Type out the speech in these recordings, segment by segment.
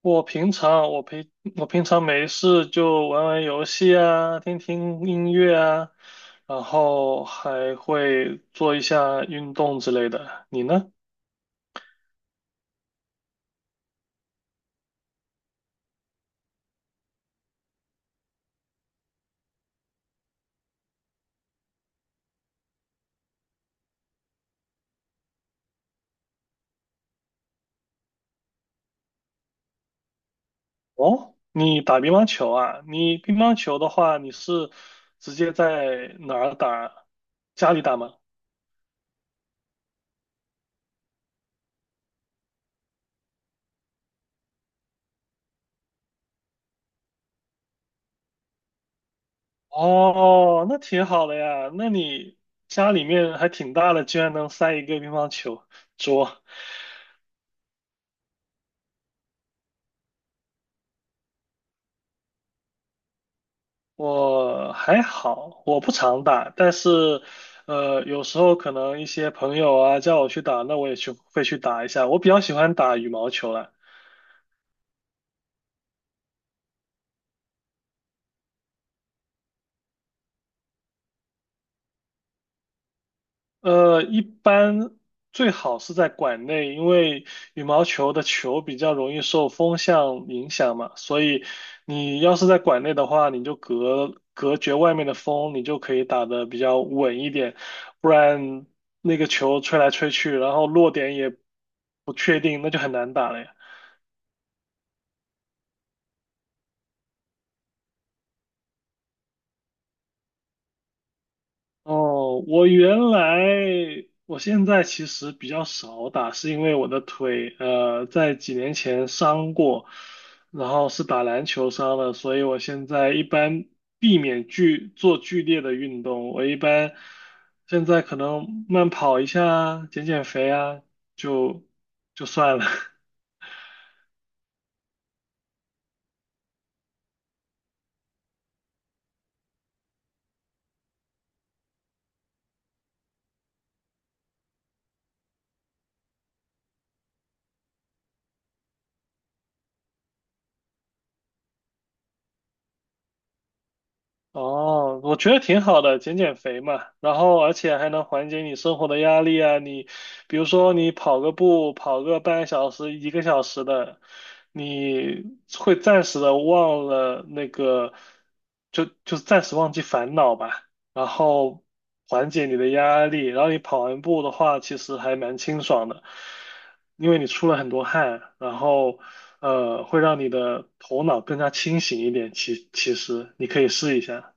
我平常我平我平常没事就玩玩游戏啊，听听音乐啊，然后还会做一下运动之类的。你呢？哦，你打乒乓球啊？你乒乓球的话，你是直接在哪儿打？家里打吗？哦，那挺好的呀。那你家里面还挺大的，居然能塞一个乒乓球桌。我还好，我不常打，但是，有时候可能一些朋友啊叫我去打，那我也会去打一下。我比较喜欢打羽毛球啦。一般最好是在馆内，因为羽毛球的球比较容易受风向影响嘛，所以你要是在馆内的话，你就隔绝外面的风，你就可以打得比较稳一点，不然那个球吹来吹去，然后落点也不确定，那就很难打了呀。哦，我原来，我现在其实比较少打，是因为我的腿，在几年前伤过，然后是打篮球伤了，所以我现在一般避免剧烈的运动，我一般现在可能慢跑一下啊减减肥啊，就就算了。哦，我觉得挺好的，减减肥嘛，然后而且还能缓解你生活的压力啊。你比如说你跑个步，跑个半个小时、一个小时的，你会暂时的忘了那个，就暂时忘记烦恼吧，然后缓解你的压力。然后你跑完步的话，其实还蛮清爽的，因为你出了很多汗，然后会让你的头脑更加清醒一点。其实你可以试一下。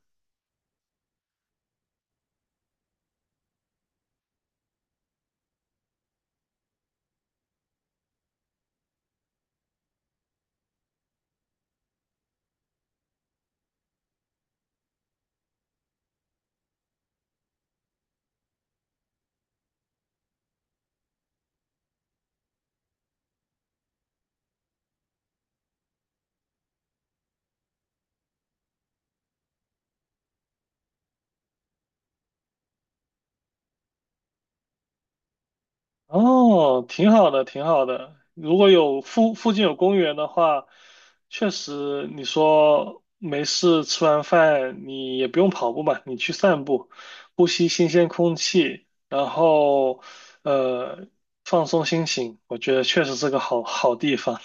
哦，挺好的，挺好的。如果有附近有公园的话，确实你说没事吃完饭，你也不用跑步嘛，你去散步，呼吸新鲜空气，然后呃放松心情，我觉得确实是个好地方。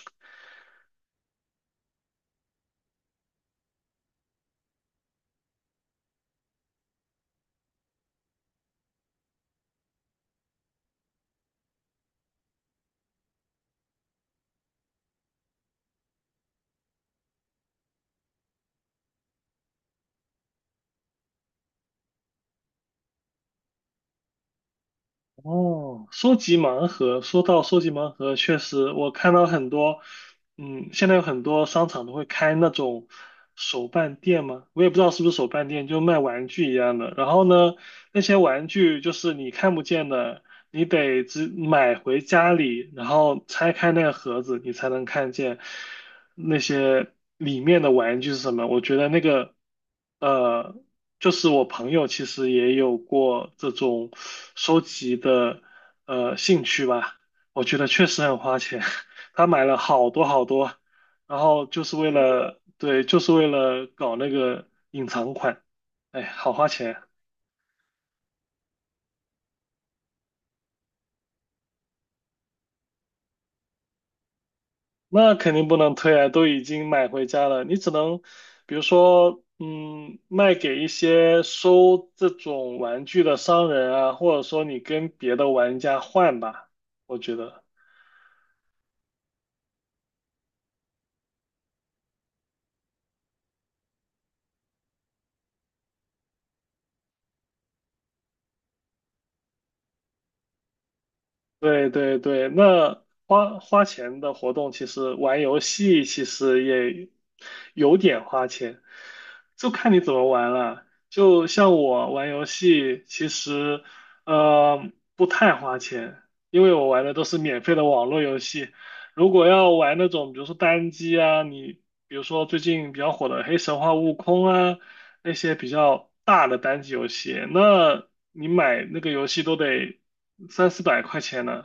哦，收集盲盒，说到收集盲盒，确实我看到很多，嗯，现在有很多商场都会开那种手办店嘛，我也不知道是不是手办店，就卖玩具一样的。然后呢，那些玩具就是你看不见的，你得只买回家里，然后拆开那个盒子，你才能看见。那些里面的玩具是什么？我觉得那个，呃，就是我朋友其实也有过这种收集的兴趣吧。我觉得确实很花钱，他买了好多好多，然后就是为了，对，就是为了搞那个隐藏款，哎，好花钱啊。那肯定不能退啊，都已经买回家了，你只能，比如说，嗯，卖给一些收这种玩具的商人啊，或者说你跟别的玩家换吧，我觉得。对对对，那花钱的活动，其实玩游戏其实也有点花钱，就看你怎么玩了。就像我玩游戏，其实呃不太花钱，因为我玩的都是免费的网络游戏。如果要玩那种，比如说单机啊，你比如说最近比较火的《黑神话：悟空》啊，那些比较大的单机游戏，那你买那个游戏都得三四百块钱呢，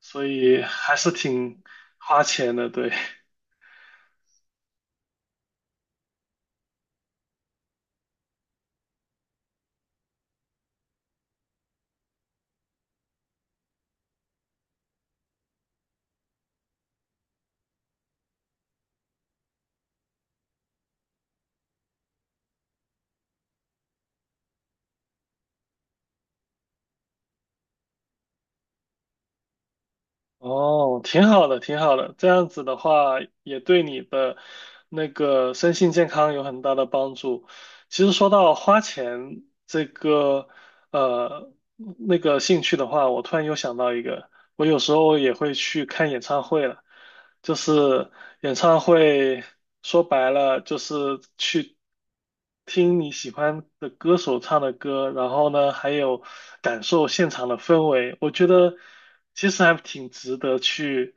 所以还是挺花钱的，对。哦，挺好的，挺好的。这样子的话，也对你的那个身心健康有很大的帮助。其实说到花钱这个呃那个兴趣的话，我突然又想到一个，我有时候也会去看演唱会了。就是演唱会，说白了就是去听你喜欢的歌手唱的歌，然后呢，还有感受现场的氛围。我觉得其实还挺值得去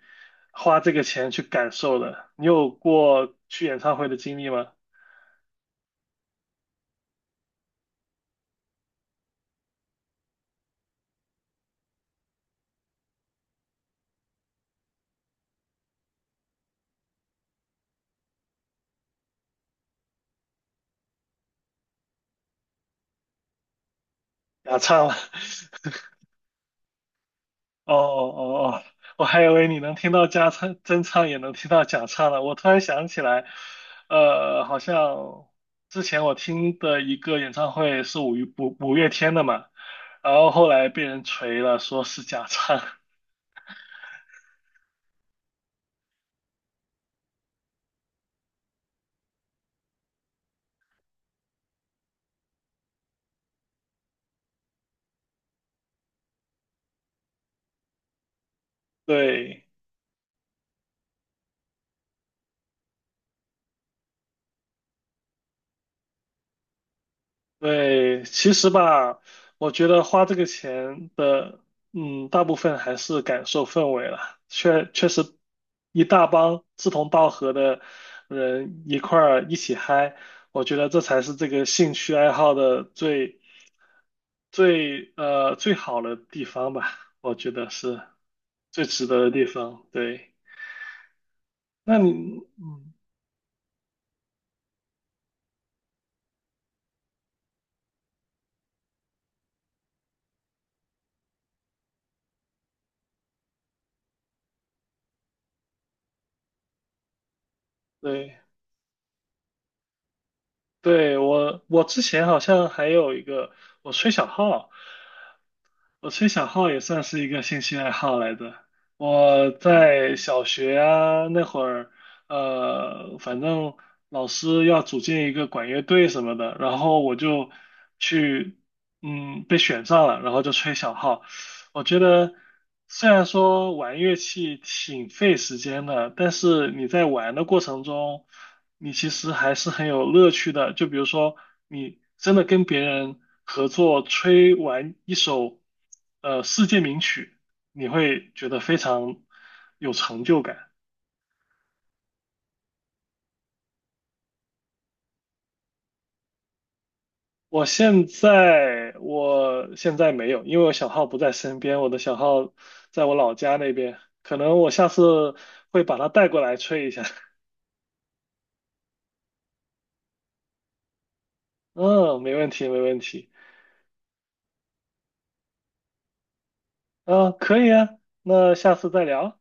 花这个钱去感受的。你有过去演唱会的经历吗？假唱了。哦哦哦，我还以为你能听到加唱真唱，也能听到假唱呢。我突然想起来，好像之前我听的一个演唱会是五月天的嘛，然后后来被人锤了，说是假唱。对，对，其实吧，我觉得花这个钱的，嗯，大部分还是感受氛围了。确实，一大帮志同道合的人一块儿一起嗨，我觉得这才是这个兴趣爱好的最好的地方吧。我觉得是最值得的地方。对，那你，嗯，对。对，我之前好像还有一个，我吹小号，我吹小号也算是一个兴趣爱好来的。我在小学啊那会儿，反正老师要组建一个管乐队什么的，然后我就去，嗯，被选上了，然后就吹小号。我觉得虽然说玩乐器挺费时间的，但是你在玩的过程中，你其实还是很有乐趣的。就比如说，你真的跟别人合作吹完一首世界名曲，你会觉得非常有成就感。我现在没有，因为我小号不在身边，我的小号在我老家那边，可能我下次会把它带过来吹一下。嗯，没问题，没问题。嗯，可以啊，那下次再聊。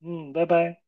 嗯，拜拜。